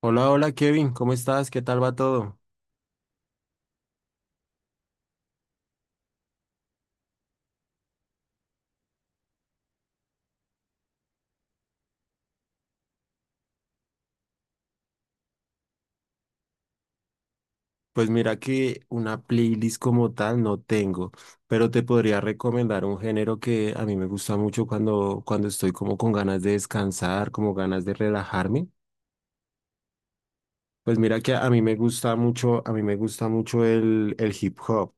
Hola, hola Kevin, ¿cómo estás? ¿Qué tal va todo? Pues mira que una playlist como tal no tengo, pero te podría recomendar un género que a mí me gusta mucho cuando estoy como con ganas de descansar, como ganas de relajarme. Pues mira que a mí me gusta mucho, a mí me gusta mucho el hip hop.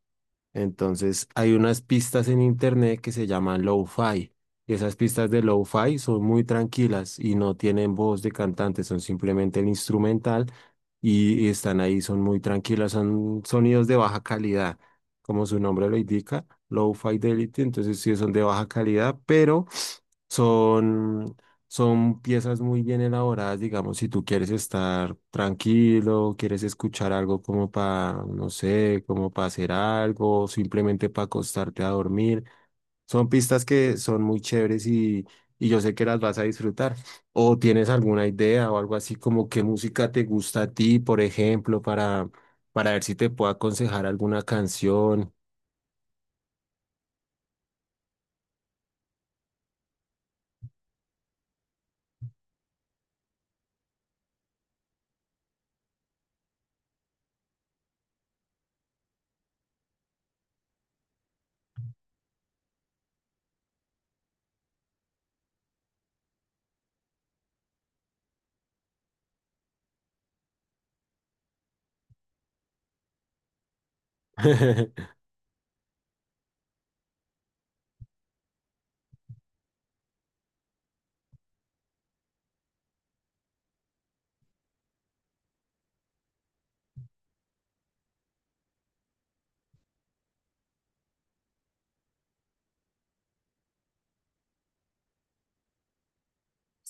Entonces, hay unas pistas en internet que se llaman lo-fi. Y esas pistas de lo-fi son muy tranquilas y no tienen voz de cantante, son simplemente el instrumental y están ahí, son muy tranquilas, son sonidos de baja calidad, como su nombre lo indica, low fidelity, entonces sí son de baja calidad, pero son son piezas muy bien elaboradas, digamos, si tú quieres estar tranquilo, quieres escuchar algo como para, no sé, como para hacer algo, simplemente para acostarte a dormir. Son pistas que son muy chéveres y yo sé que las vas a disfrutar. O tienes alguna idea o algo así como qué música te gusta a ti, por ejemplo, para ver si te puedo aconsejar alguna canción.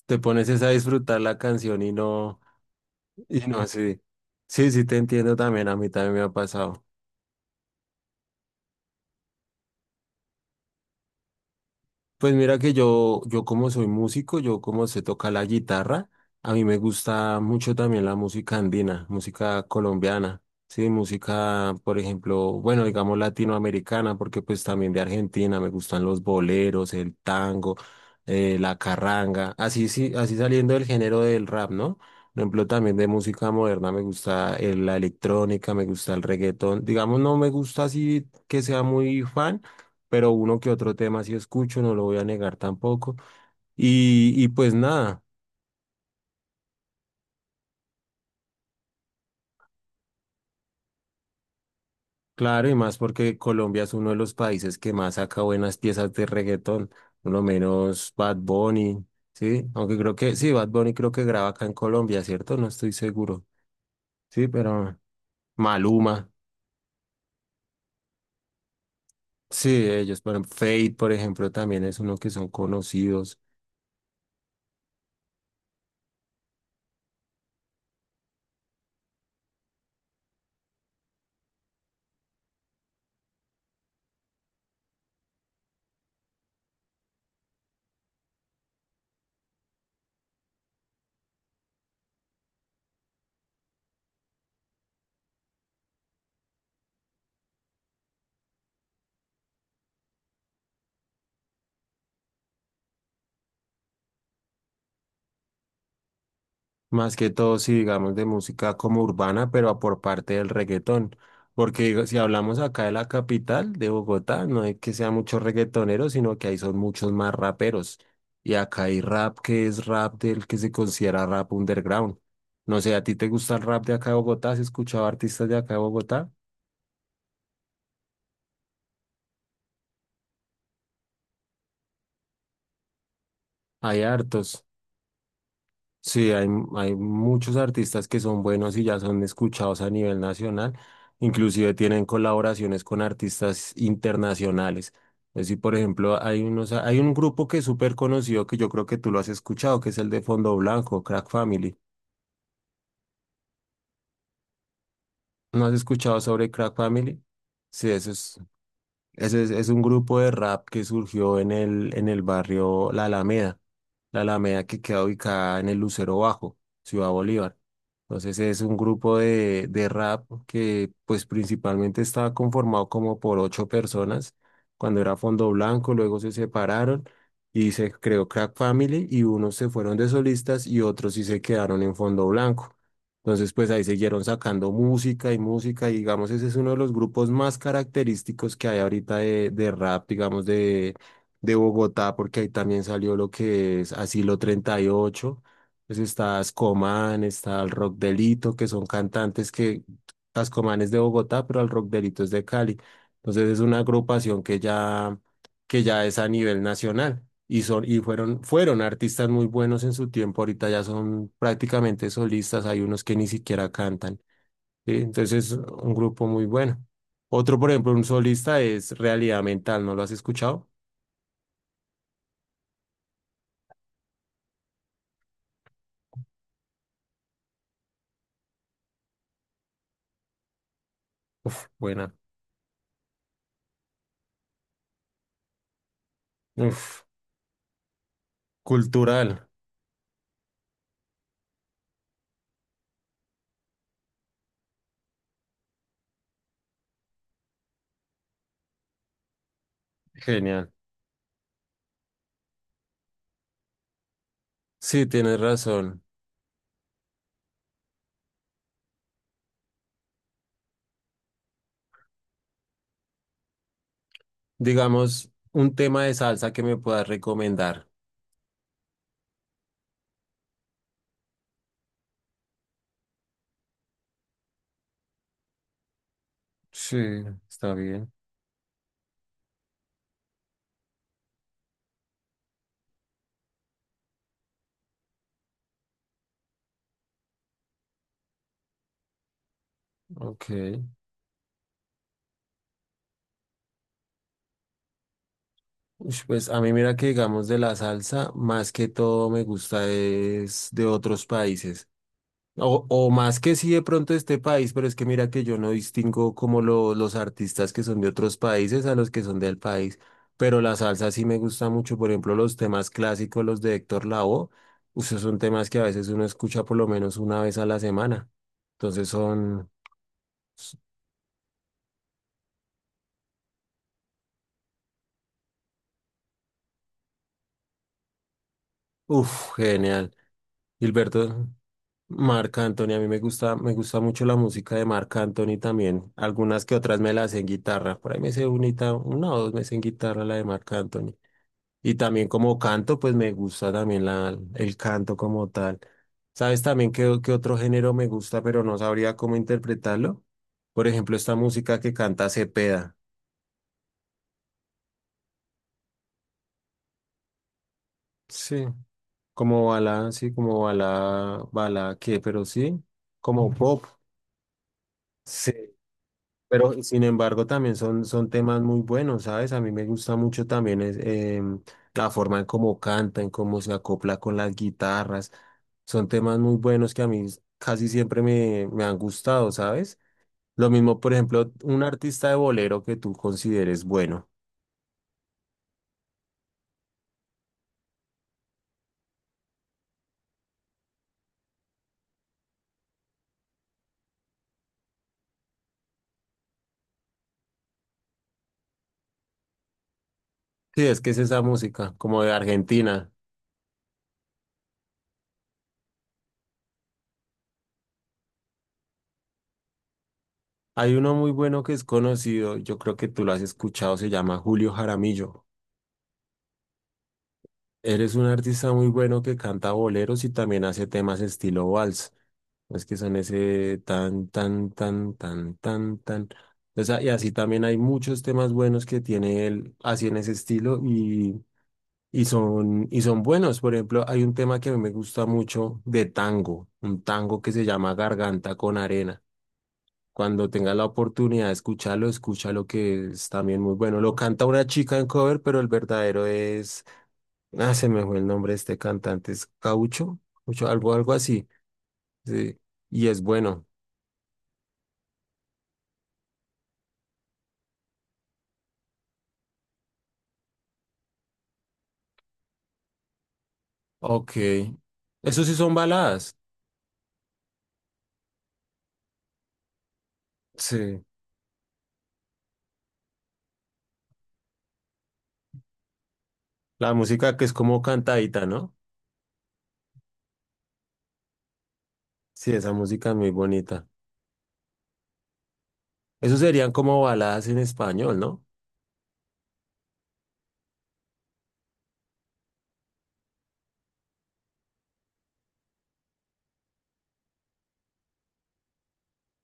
Te pones es a disfrutar la canción y no. Y no, sí. Sí, sí, te entiendo también. A mí también me ha pasado. Pues mira que yo como soy músico, yo como sé tocar la guitarra, a mí me gusta mucho también la música andina, música colombiana, sí, música, por ejemplo, bueno, digamos latinoamericana, porque pues también de Argentina me gustan los boleros, el tango, la carranga, así sí, así saliendo del género del rap, ¿no? Por ejemplo, también de música moderna me gusta la electrónica, me gusta el reggaetón, digamos no me gusta así que sea muy fan pero uno que otro tema sí escucho, no lo voy a negar tampoco. Y pues nada, claro, y más porque Colombia es uno de los países que más saca buenas piezas de reggaetón, por lo menos Bad Bunny, ¿sí? Aunque creo que, sí, Bad Bunny creo que graba acá en Colombia, ¿cierto? No estoy seguro, sí, pero Maluma, sí, ellos, pero Fate, por ejemplo, también es uno que son conocidos. Más que todo, si digamos de música como urbana, pero por parte del reggaetón. Porque digo, si hablamos acá de la capital, de Bogotá, no es que sea muchos reggaetoneros, sino que ahí son muchos más raperos. Y acá hay rap que es rap del que se considera rap underground. No sé, ¿a ti te gusta el rap de acá de Bogotá? ¿Has escuchado artistas de acá de Bogotá? Hay hartos. Sí, hay, hay muchos artistas que son buenos y ya son escuchados a nivel nacional, inclusive tienen colaboraciones con artistas internacionales. Es decir, por ejemplo, hay unos, hay un grupo que es súper conocido que yo creo que tú lo has escuchado, que es el de Fondo Blanco, Crack Family. ¿No has escuchado sobre Crack Family? Sí, eso es. Ese es un grupo de rap que surgió en el barrio La Alameda, La Alameda que queda ubicada en el Lucero Bajo, Ciudad Bolívar. Entonces es un grupo de rap que pues principalmente estaba conformado como por ocho personas. Cuando era Fondo Blanco, luego se separaron y se creó Crack Family y unos se fueron de solistas y otros sí se quedaron en Fondo Blanco. Entonces, pues ahí siguieron sacando música y música, y digamos, ese es uno de los grupos más característicos que hay ahorita de rap, digamos, de Bogotá, porque ahí también salió lo que es Asilo 38, pues está Ascomán, está el Rock Delito, que son cantantes que Ascomán es de Bogotá, pero el Rock Delito es de Cali. Entonces es una agrupación que ya es a nivel nacional. Y, son, y fueron, fueron artistas muy buenos en su tiempo, ahorita ya son prácticamente solistas, hay unos que ni siquiera cantan, ¿sí? Entonces, un grupo muy bueno. Otro, por ejemplo, un solista es Realidad Mental, ¿no lo has escuchado? Uf, buena. Uf, cultural, genial. Sí, tienes razón. Digamos, un tema de salsa que me puedas recomendar. Sí, está bien. Ok. Ush, pues a mí mira que digamos de la salsa, más que todo me gusta es de otros países. O más que sí de pronto de este país, pero es que mira que yo no distingo como los artistas que son de otros países a los que son del país. Pero la salsa sí me gusta mucho, por ejemplo, los temas clásicos, los de Héctor Lavoe, esos son temas que a veces uno escucha por lo menos una vez a la semana. Entonces son, uff, genial. Gilberto. Marc Anthony, a mí me gusta mucho la música de Marc Anthony también. Algunas que otras me las sé en guitarra. Por ahí me sé unita, una o dos me sé en guitarra la de Marc Anthony. Y también como canto, pues me gusta también la, el canto como tal. ¿Sabes también qué, qué otro género me gusta, pero no sabría cómo interpretarlo? Por ejemplo, esta música que canta Cepeda. Sí, sí, como bala, bala, ¿qué? Pero sí, como pop. Sí. Pero sin embargo también son, son temas muy buenos, ¿sabes? A mí me gusta mucho también es, la forma en cómo canta, en cómo se acopla con las guitarras. Son temas muy buenos que a mí casi siempre me, me han gustado, ¿sabes? Lo mismo, por ejemplo, un artista de bolero que tú consideres bueno. Sí, es que es esa música, como de Argentina. Hay uno muy bueno que es conocido, yo creo que tú lo has escuchado, se llama Julio Jaramillo. Eres un artista muy bueno que canta boleros y también hace temas estilo vals. Es que son ese tan, tan, tan, tan, tan, tan. O sea, y así también hay muchos temas buenos que tiene él así en ese estilo y son buenos. Por ejemplo, hay un tema que a mí me gusta mucho de tango, un tango que se llama Garganta con Arena. Cuando tengas la oportunidad de escucharlo, escúchalo que es también muy bueno. Lo canta una chica en cover, pero el verdadero es... Ah, se me fue el nombre de este cantante, es Caucho, Caucho, algo, algo así. Sí, y es bueno. Ok. Eso sí son baladas. Sí. La música que es como cantadita, ¿no? Sí, esa música es muy bonita. Eso serían como baladas en español, ¿no?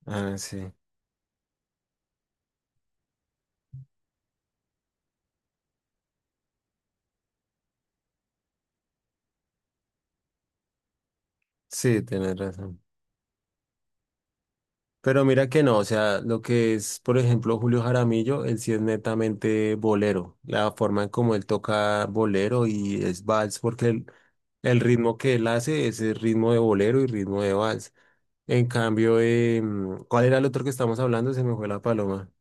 Ah, sí. Sí, tienes razón. Pero mira que no, o sea, lo que es, por ejemplo, Julio Jaramillo, él sí es netamente bolero. La forma en cómo él toca bolero y es vals, porque el ritmo que él hace es el ritmo de bolero y ritmo de vals. En cambio, ¿cuál era el otro que estamos hablando? Se me fue la paloma.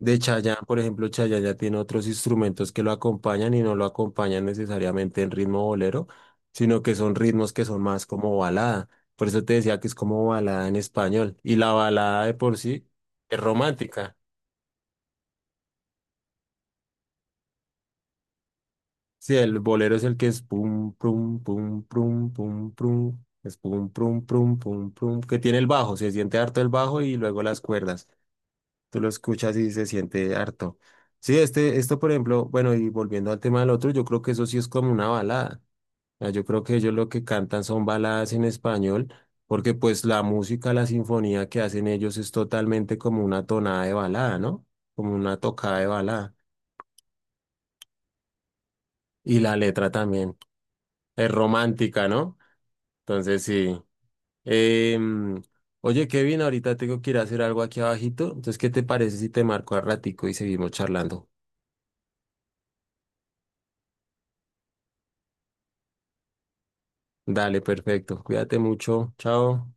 De Chayanne, por ejemplo, Chayanne ya tiene otros instrumentos que lo acompañan y no lo acompañan necesariamente en ritmo bolero, sino que son ritmos que son más como balada. Por eso te decía que es como balada en español. Y la balada de por sí es romántica. Sí, el bolero es el que es pum, pum, pum, pum, pum, pum, es pum, pum, pum, pum, pum, que tiene el bajo, se siente harto el bajo y luego las cuerdas. Tú lo escuchas y se siente harto. Sí, este, esto, por ejemplo, bueno, y volviendo al tema del otro, yo creo que eso sí es como una balada. O sea, yo creo que ellos lo que cantan son baladas en español, porque pues la música, la sinfonía que hacen ellos es totalmente como una tonada de balada, ¿no? Como una tocada de balada. Y la letra también es romántica, ¿no? Entonces sí. Em, oye, Kevin, ahorita tengo que ir a hacer algo aquí abajito. Entonces, ¿qué te parece si te marco a ratico y seguimos charlando? Dale, perfecto. Cuídate mucho. Chao.